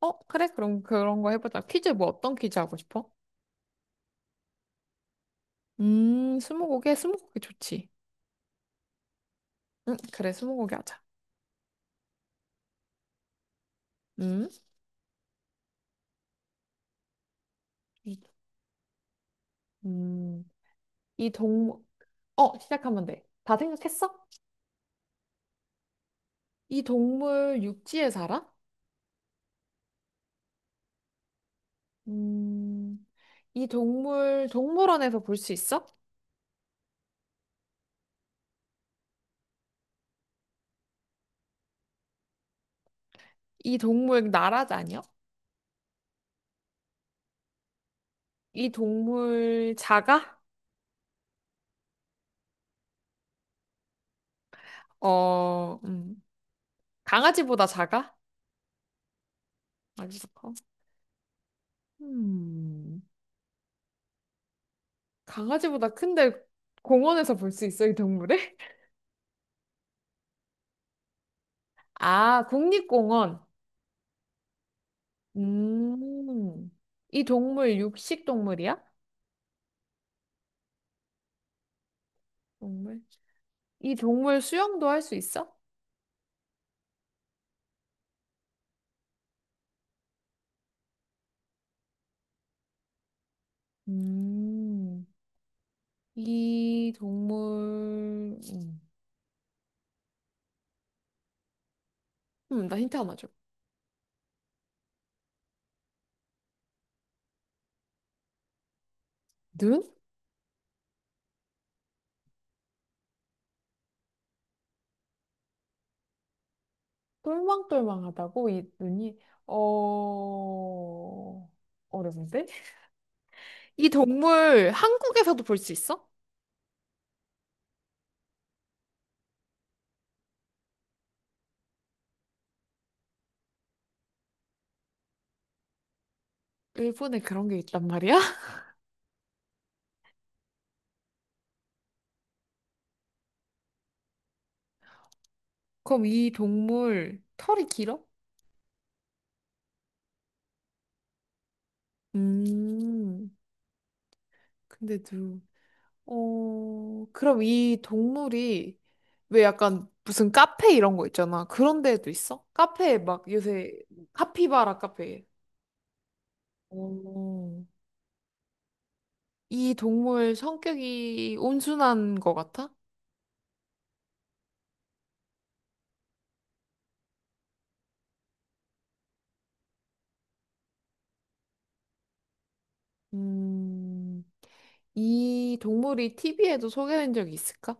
어, 그래? 그럼 그런 거 해보자. 퀴즈 뭐 어떤 퀴즈 하고 싶어? 스무고개? 스무고개 좋지. 응, 그래, 스무고개 하자. 음, 이, 음, 이 동물, 어, 시작하면 돼. 다 생각했어? 이 동물 육지에 살아? 음, 이 동물 동물원에서 볼 수 있어? 이 동물 나라 다녀? 이 동물 작아? 어, 음, 강아지보다 작아? 아주 커. 음. 강아지보다 큰데 공원에서 볼 수 있어, 이 동물을? 아, 국립공원. 음, 이 동물 육식 동물이야? 동물. 이 동물 수영도 할 수 있어? 음, 이 동물, 음, 나 힌트 하나 줘. 눈? 똘망똘망하다고? 이 눈이, 어, 어려운데? 이 동물 한국에서도 볼 수 있어? 일본에 그런 게 있단 말이야? 그럼 이 동물 털이 길어? 음, 근데도, 그럼 이 동물이 왜 약간 무슨 카페 이런 거 있잖아. 그런 데도 있어? 카페에 막 요새 카피바라 카페. 어, 이 동물 성격이 온순한 거 같아? 음, 이 동물이 TV에도 소개된 적이 있을까?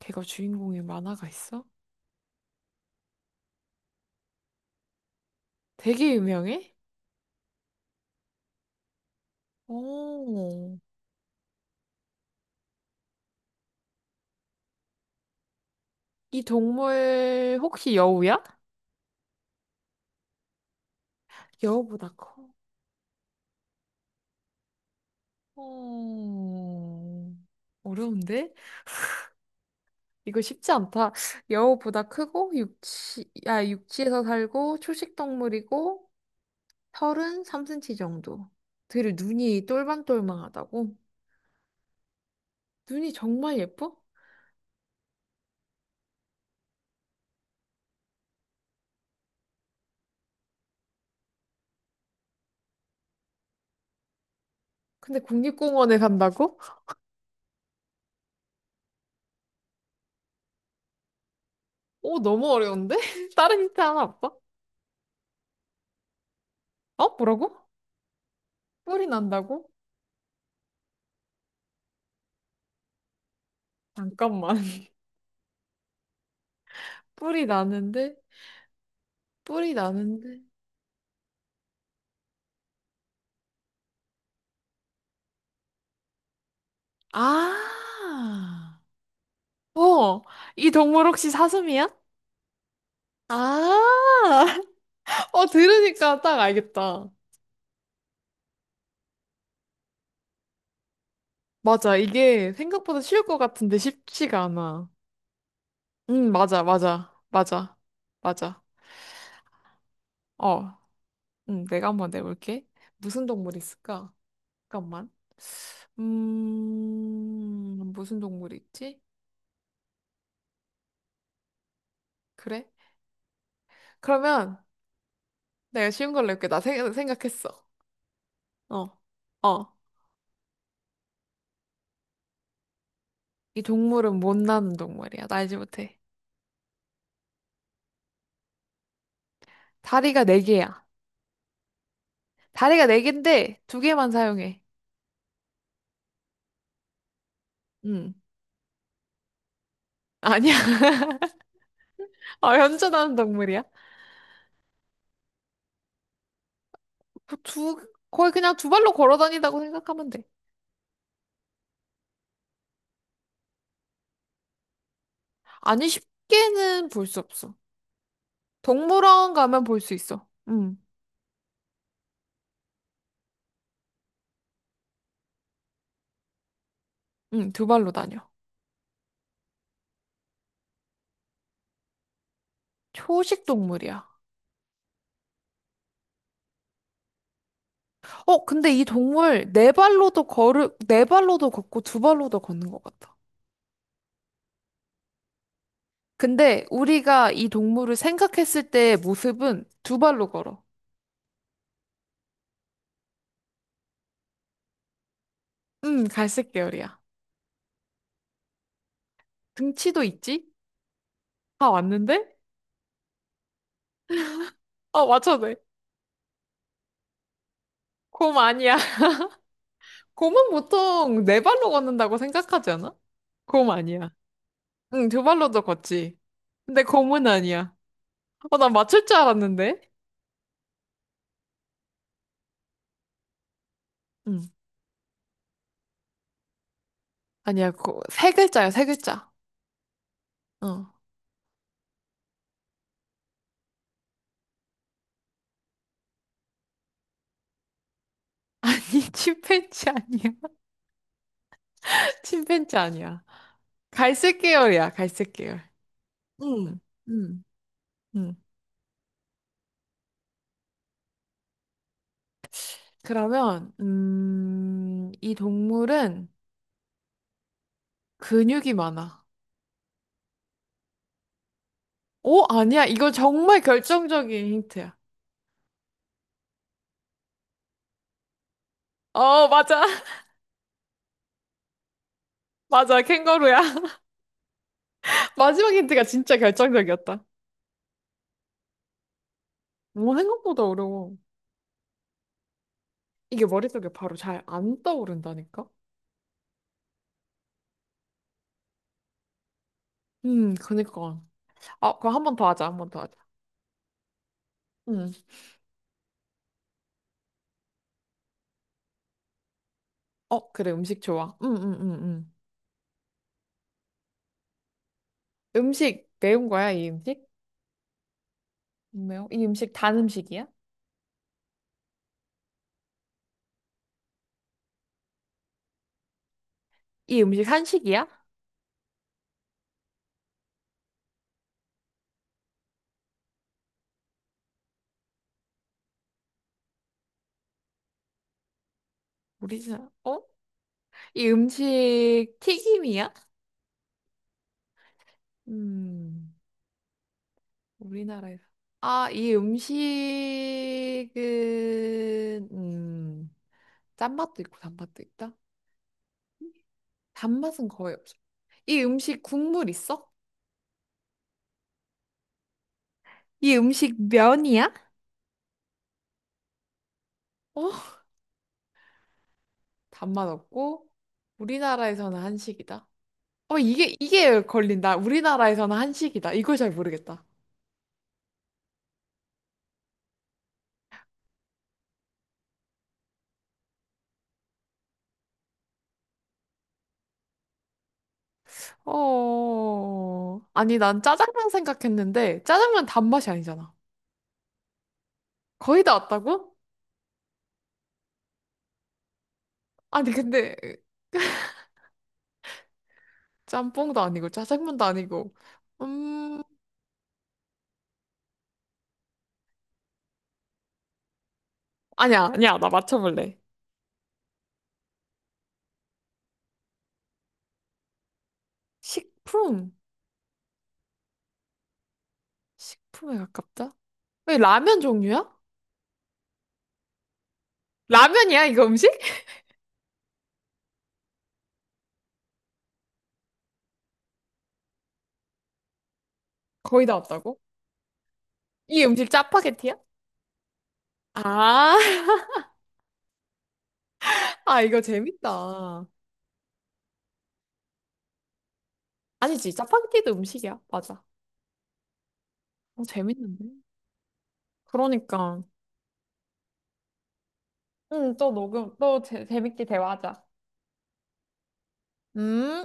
걔가 주인공의 만화가 있어? 되게 유명해? 어, 이 동물 혹시 여우야? 여우보다 커. 어... 어려운데? 이거 쉽지 않다. 여우보다 크고 육지에서 살고 초식 동물이고 털은 3cm 정도. 되게 눈이 똘망똘망하다고? 눈이 정말 예뻐? 근데 국립공원에 산다고? 오, 너무 어려운데? 다른 힌트 하나 없어? 어? 뭐라고? 뿔이 난다고? 잠깐만. 뿔이 나는데? 뿔이 나는데? 아! 어! 이 동물 혹시 사슴이야? 아, 어, 들으니까 딱 알겠다. 맞아, 이게 생각보다 쉬울 것 같은데 쉽지가 않아. 응, 맞아, 맞아, 맞아, 맞아. 어, 응, 내가 한번 내볼게. 무슨 동물이 있을까? 잠깐만. 무슨 동물이 있지? 그래? 그러면 내가 쉬운 걸로 해볼게. 나 생각했어. 어, 어. 이 동물은 못 나는 동물이야. 날지 못해. 다리가 네 개야. 다리가 네 개인데 두 개만 사용해. 응. 아니야. 아, 현존하는 동물이야? 그 두, 거의 그냥 두 발로 걸어 다닌다고 생각하면 돼. 아니, 쉽게는 볼 수 없어. 동물원 가면 볼 수 있어. 응, 응, 두 발로 다녀. 초식 동물이야. 어, 근데 이 동물 네 발로도 걷고 두 발로도 걷는 것 같아. 근데 우리가 이 동물을 생각했을 때의 모습은 두 발로 걸어. 응, 갈색 계열이야. 등치도 있지? 다 왔는데? 아, 맞춰도 돼. 곰 아니야. 곰은 보통 네 발로 걷는다고 생각하지 않아? 곰 아니야. 응, 두 발로도 걷지. 근데 곰은 아니야. 어, 난 맞출 줄 알았는데? 응. 아니야, 세 글자야, 세 글자. 어. 아니, 침팬지 아니야. 침팬지 아니야. 갈색 계열이야, 갈색 계열. 응, 응, 응. 그러면, 이 동물은 근육이 많아. 오, 아니야. 이거 정말 결정적인 힌트야. 어, 맞아. 맞아. 캥거루야. 마지막 힌트가 진짜 결정적이었다. 뭐 생각보다 어려워. 이게 머릿속에 바로 잘 안 떠오른다니까? 그니까. 아, 그럼 한 번 더 하자, 한 번 더 하자. 음. 어, 그래, 음식 좋아. 음식 매운 거야, 이 음식? 안 매워? 이 음식 단 음식이야? 이 음식 한식이야? 우리나라, 어? 이 음식 튀김이야? 음, 우리나라에서. 아, 이 음식은, 짠맛도 있고 단맛도 있다? 단맛은 거의 없어. 이 음식 국물 있어? 이 음식 면이야? 어? 단맛 없고 우리나라에서는 한식이다. 어 이게 걸린다. 우리나라에서는 한식이다. 이걸 잘 모르겠다. 어 아니 난 짜장면 생각했는데 짜장면 단맛이 아니잖아. 거의 다 왔다고? 아니 근데 짬뽕도 아니고 짜장면도 아니고 음 아니야 나 맞춰볼래. 식품 식품에 가깝다? 왜 라면 종류야? 라면이야 이거 음식? 거의 다 왔다고? 이 음식 짜파게티야? 아, 아, 이거 재밌다. 아니지, 짜파게티도 음식이야. 맞아. 어, 재밌는데? 그러니까. 응, 또 녹음, 또 재밌게 대화하자. 음.